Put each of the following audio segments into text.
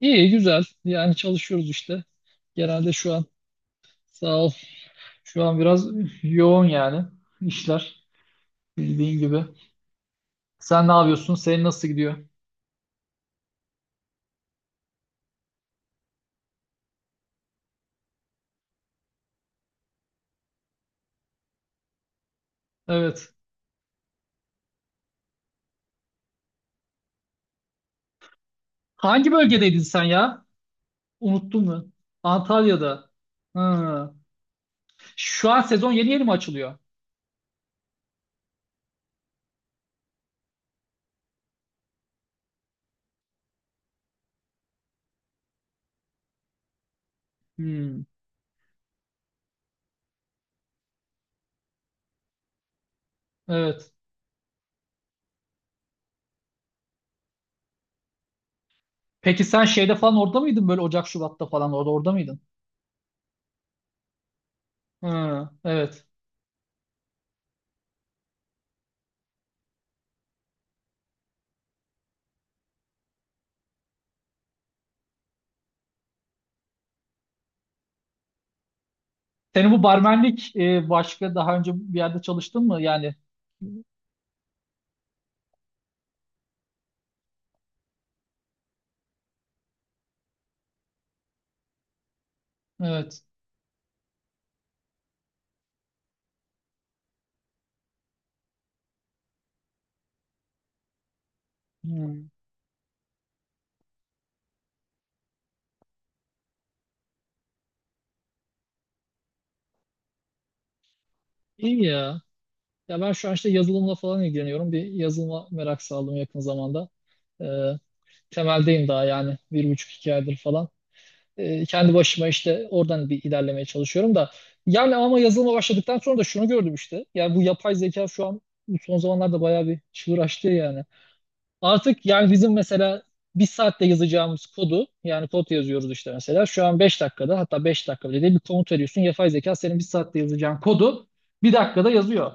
İyi, güzel. Yani çalışıyoruz işte. Genelde şu an sağ ol. Şu an biraz yoğun yani işler bildiğin gibi. Sen ne yapıyorsun? Senin nasıl gidiyor? Evet. Hangi bölgedeydin sen ya? Unuttun mu? Antalya'da. Ha. Şu an sezon yeni yeni mi açılıyor? Hmm. Evet. Peki sen şeyde falan orada mıydın? Böyle Ocak, Şubat'ta falan orada mıydın? Ha. Evet. Senin bu barmenlik başka daha önce bir yerde çalıştın mı? Yani evet. Hmm. İyi ya. Ya ben şu an işte yazılımla falan ilgileniyorum. Bir yazılıma merak saldım yakın zamanda. Ee, Temeldeyim daha yani bir buçuk iki aydır falan. Kendi başıma işte oradan bir ilerlemeye çalışıyorum da. Yani ama yazılıma başladıktan sonra da şunu gördüm işte. Yani bu yapay zeka şu an bu son zamanlarda bayağı bir çığır açtı yani. Artık yani bizim mesela bir saatte yazacağımız kodu yani kod yazıyoruz işte mesela şu an 5 dakikada hatta 5 dakika bile değil bir komut veriyorsun, yapay zeka senin bir saatte yazacağın kodu bir dakikada yazıyor.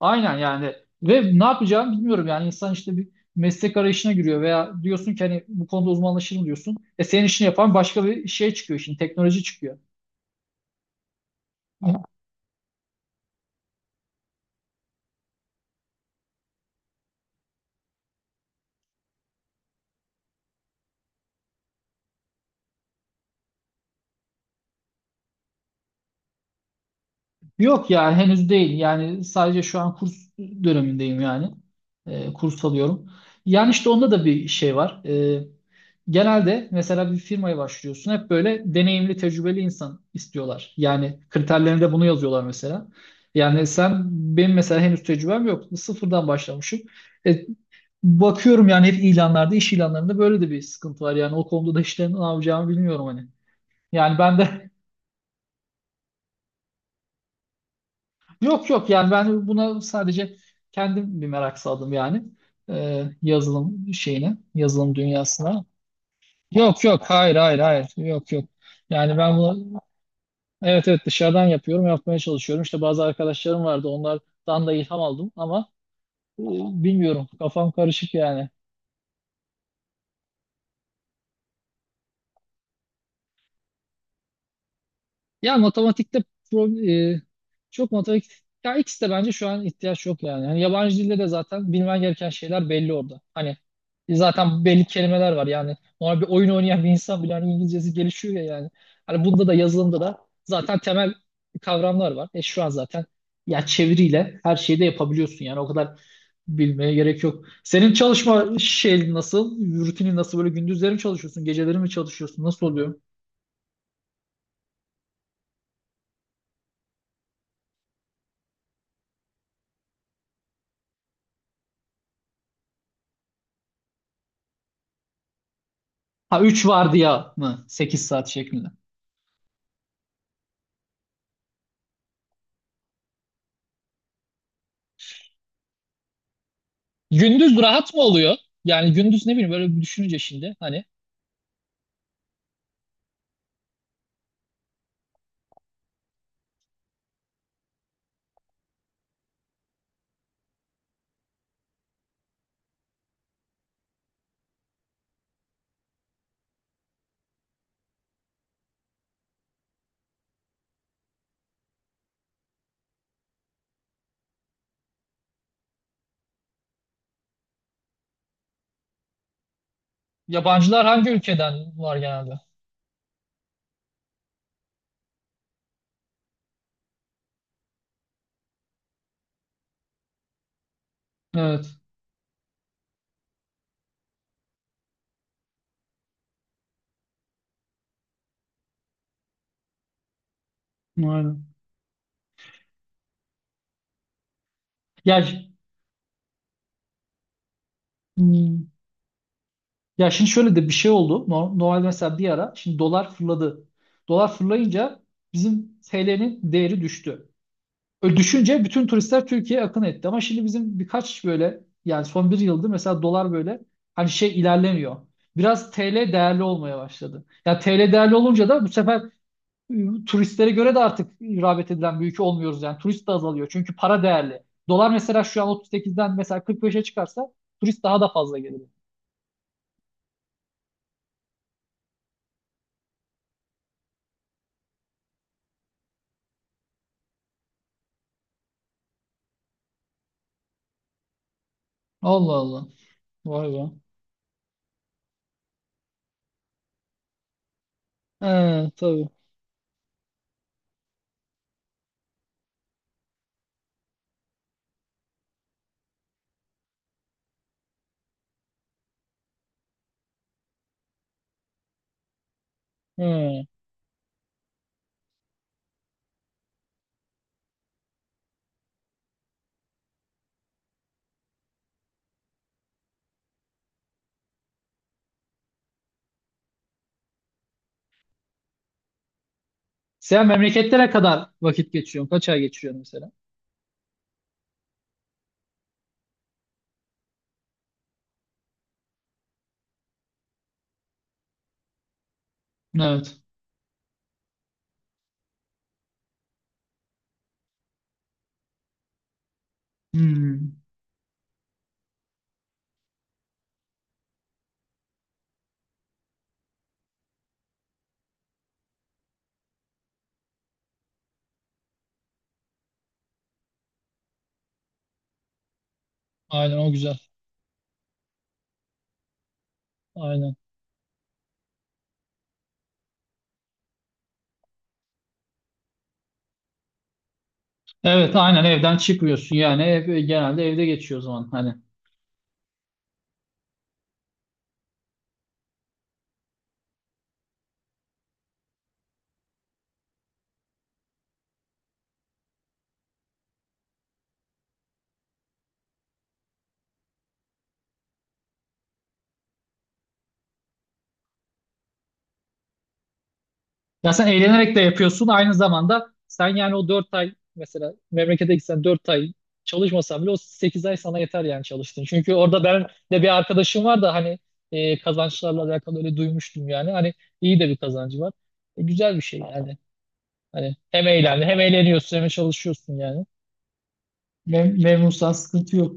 Aynen yani, ve ne yapacağını bilmiyorum yani. İnsan işte bir meslek arayışına giriyor veya diyorsun ki hani bu konuda uzmanlaşırım diyorsun. E senin işini yapan başka bir şey çıkıyor şimdi, teknoloji çıkıyor. Yok ya, henüz değil. Yani sadece şu an kurs dönemindeyim yani. Kurs alıyorum. Yani işte onda da bir şey var. Genelde mesela bir firmaya başlıyorsun. Hep böyle deneyimli, tecrübeli insan istiyorlar. Yani kriterlerinde bunu yazıyorlar mesela. Yani sen, benim mesela henüz tecrübem yok. Sıfırdan başlamışım. E, Bakıyorum yani hep ilanlarda, iş ilanlarında böyle de bir sıkıntı var. Yani o konuda da işte ne yapacağımı bilmiyorum hani. Yani ben de Yok yok, yani ben buna sadece kendim bir merak saldım yani. Yazılım şeyine, yazılım dünyasına. Yok yok, hayır hayır hayır, yok yok. Yani ben bunu, evet evet, dışarıdan yapıyorum, yapmaya çalışıyorum. İşte bazı arkadaşlarım vardı, onlardan da ilham aldım ama e, bilmiyorum, kafam karışık yani. Ya matematikte pro- e, çok matematik, ya ikisi de bence şu an ihtiyaç yok yani. Yani yabancı dilde de zaten bilmen gereken şeyler belli orada. Hani zaten belli kelimeler var yani. Normal bir oyun oynayan bir insan bile hani İngilizcesi gelişiyor ya yani. Hani bunda da, yazılımda da zaten temel kavramlar var. E şu an zaten ya çeviriyle her şeyi de yapabiliyorsun yani, o kadar bilmeye gerek yok. Senin çalışma şey nasıl? Rutinin nasıl, böyle gündüzleri mi çalışıyorsun, geceleri mi çalışıyorsun? Nasıl oluyor? Ha, 3 vardiya mı? 8 saat şeklinde. Gündüz rahat mı oluyor? Yani gündüz ne bileyim, böyle bir düşününce şimdi hani yabancılar hangi ülkeden var genelde? Evet. Aynen. Ya, hmm, ya şimdi şöyle de bir şey oldu. Normal mesela bir ara şimdi dolar fırladı. Dolar fırlayınca bizim TL'nin değeri düştü. Öyle düşünce bütün turistler Türkiye'ye akın etti. Ama şimdi bizim birkaç böyle yani son bir yıldır mesela dolar böyle hani şey ilerlemiyor. Biraz TL değerli olmaya başladı. Ya TL değerli olunca da bu sefer turistlere göre de artık rağbet edilen bir ülke olmuyoruz yani. Turist de azalıyor çünkü para değerli. Dolar mesela şu an 38'den mesela 45'e çıkarsa turist daha da fazla gelir. Allah Allah. Vay be. He, tabii. He. Sen memleketlere kadar vakit geçiriyorsun. Kaç ay geçiriyorsun mesela? Evet. Hmm. Aynen, o güzel. Aynen. Evet, aynen, evden çıkmıyorsun yani ev, genelde evde geçiyor o zaman hani. Ya sen eğlenerek de yapıyorsun aynı zamanda sen yani. O 4 ay mesela memlekete gitsen, 4 ay çalışmasan bile o 8 ay sana yeter yani, çalıştın. Çünkü orada, ben de bir arkadaşım var da hani kazançlarla alakalı öyle duymuştum yani, hani iyi de bir kazancı var. Güzel bir şey yani. Hani hem eğlendi, hem eğleniyorsun hem çalışıyorsun yani. Memnunsan sıkıntı yok.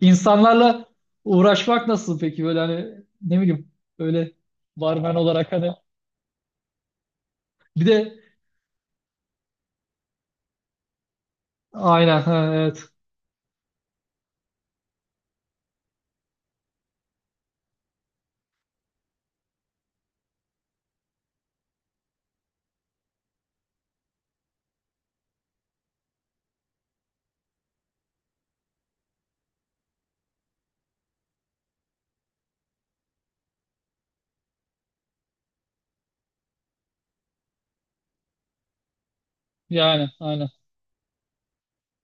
İnsanlarla uğraşmak nasıl peki, böyle hani ne bileyim öyle, barmen olarak hani bir de aynen ha, evet yani aynen,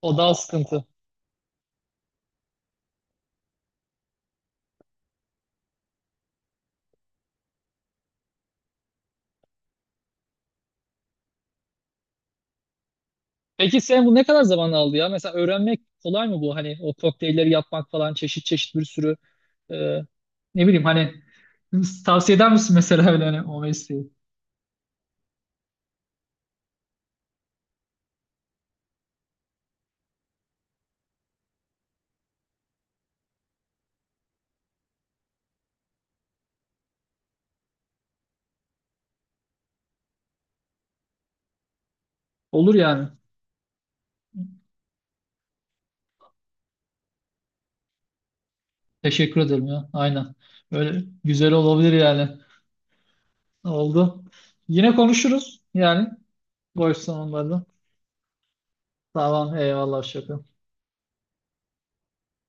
o daha sıkıntı. Peki sen bu ne kadar zaman aldı ya? Mesela öğrenmek kolay mı bu? Hani o kokteylleri yapmak falan, çeşit çeşit bir sürü, e, ne bileyim hani, tavsiye eder misin mesela öyle, hani o mesleği? Olur yani. Teşekkür ederim ya. Aynen. Öyle güzel olabilir yani. Oldu. Yine konuşuruz yani boş zamanlarda. Tamam, eyvallah şaka.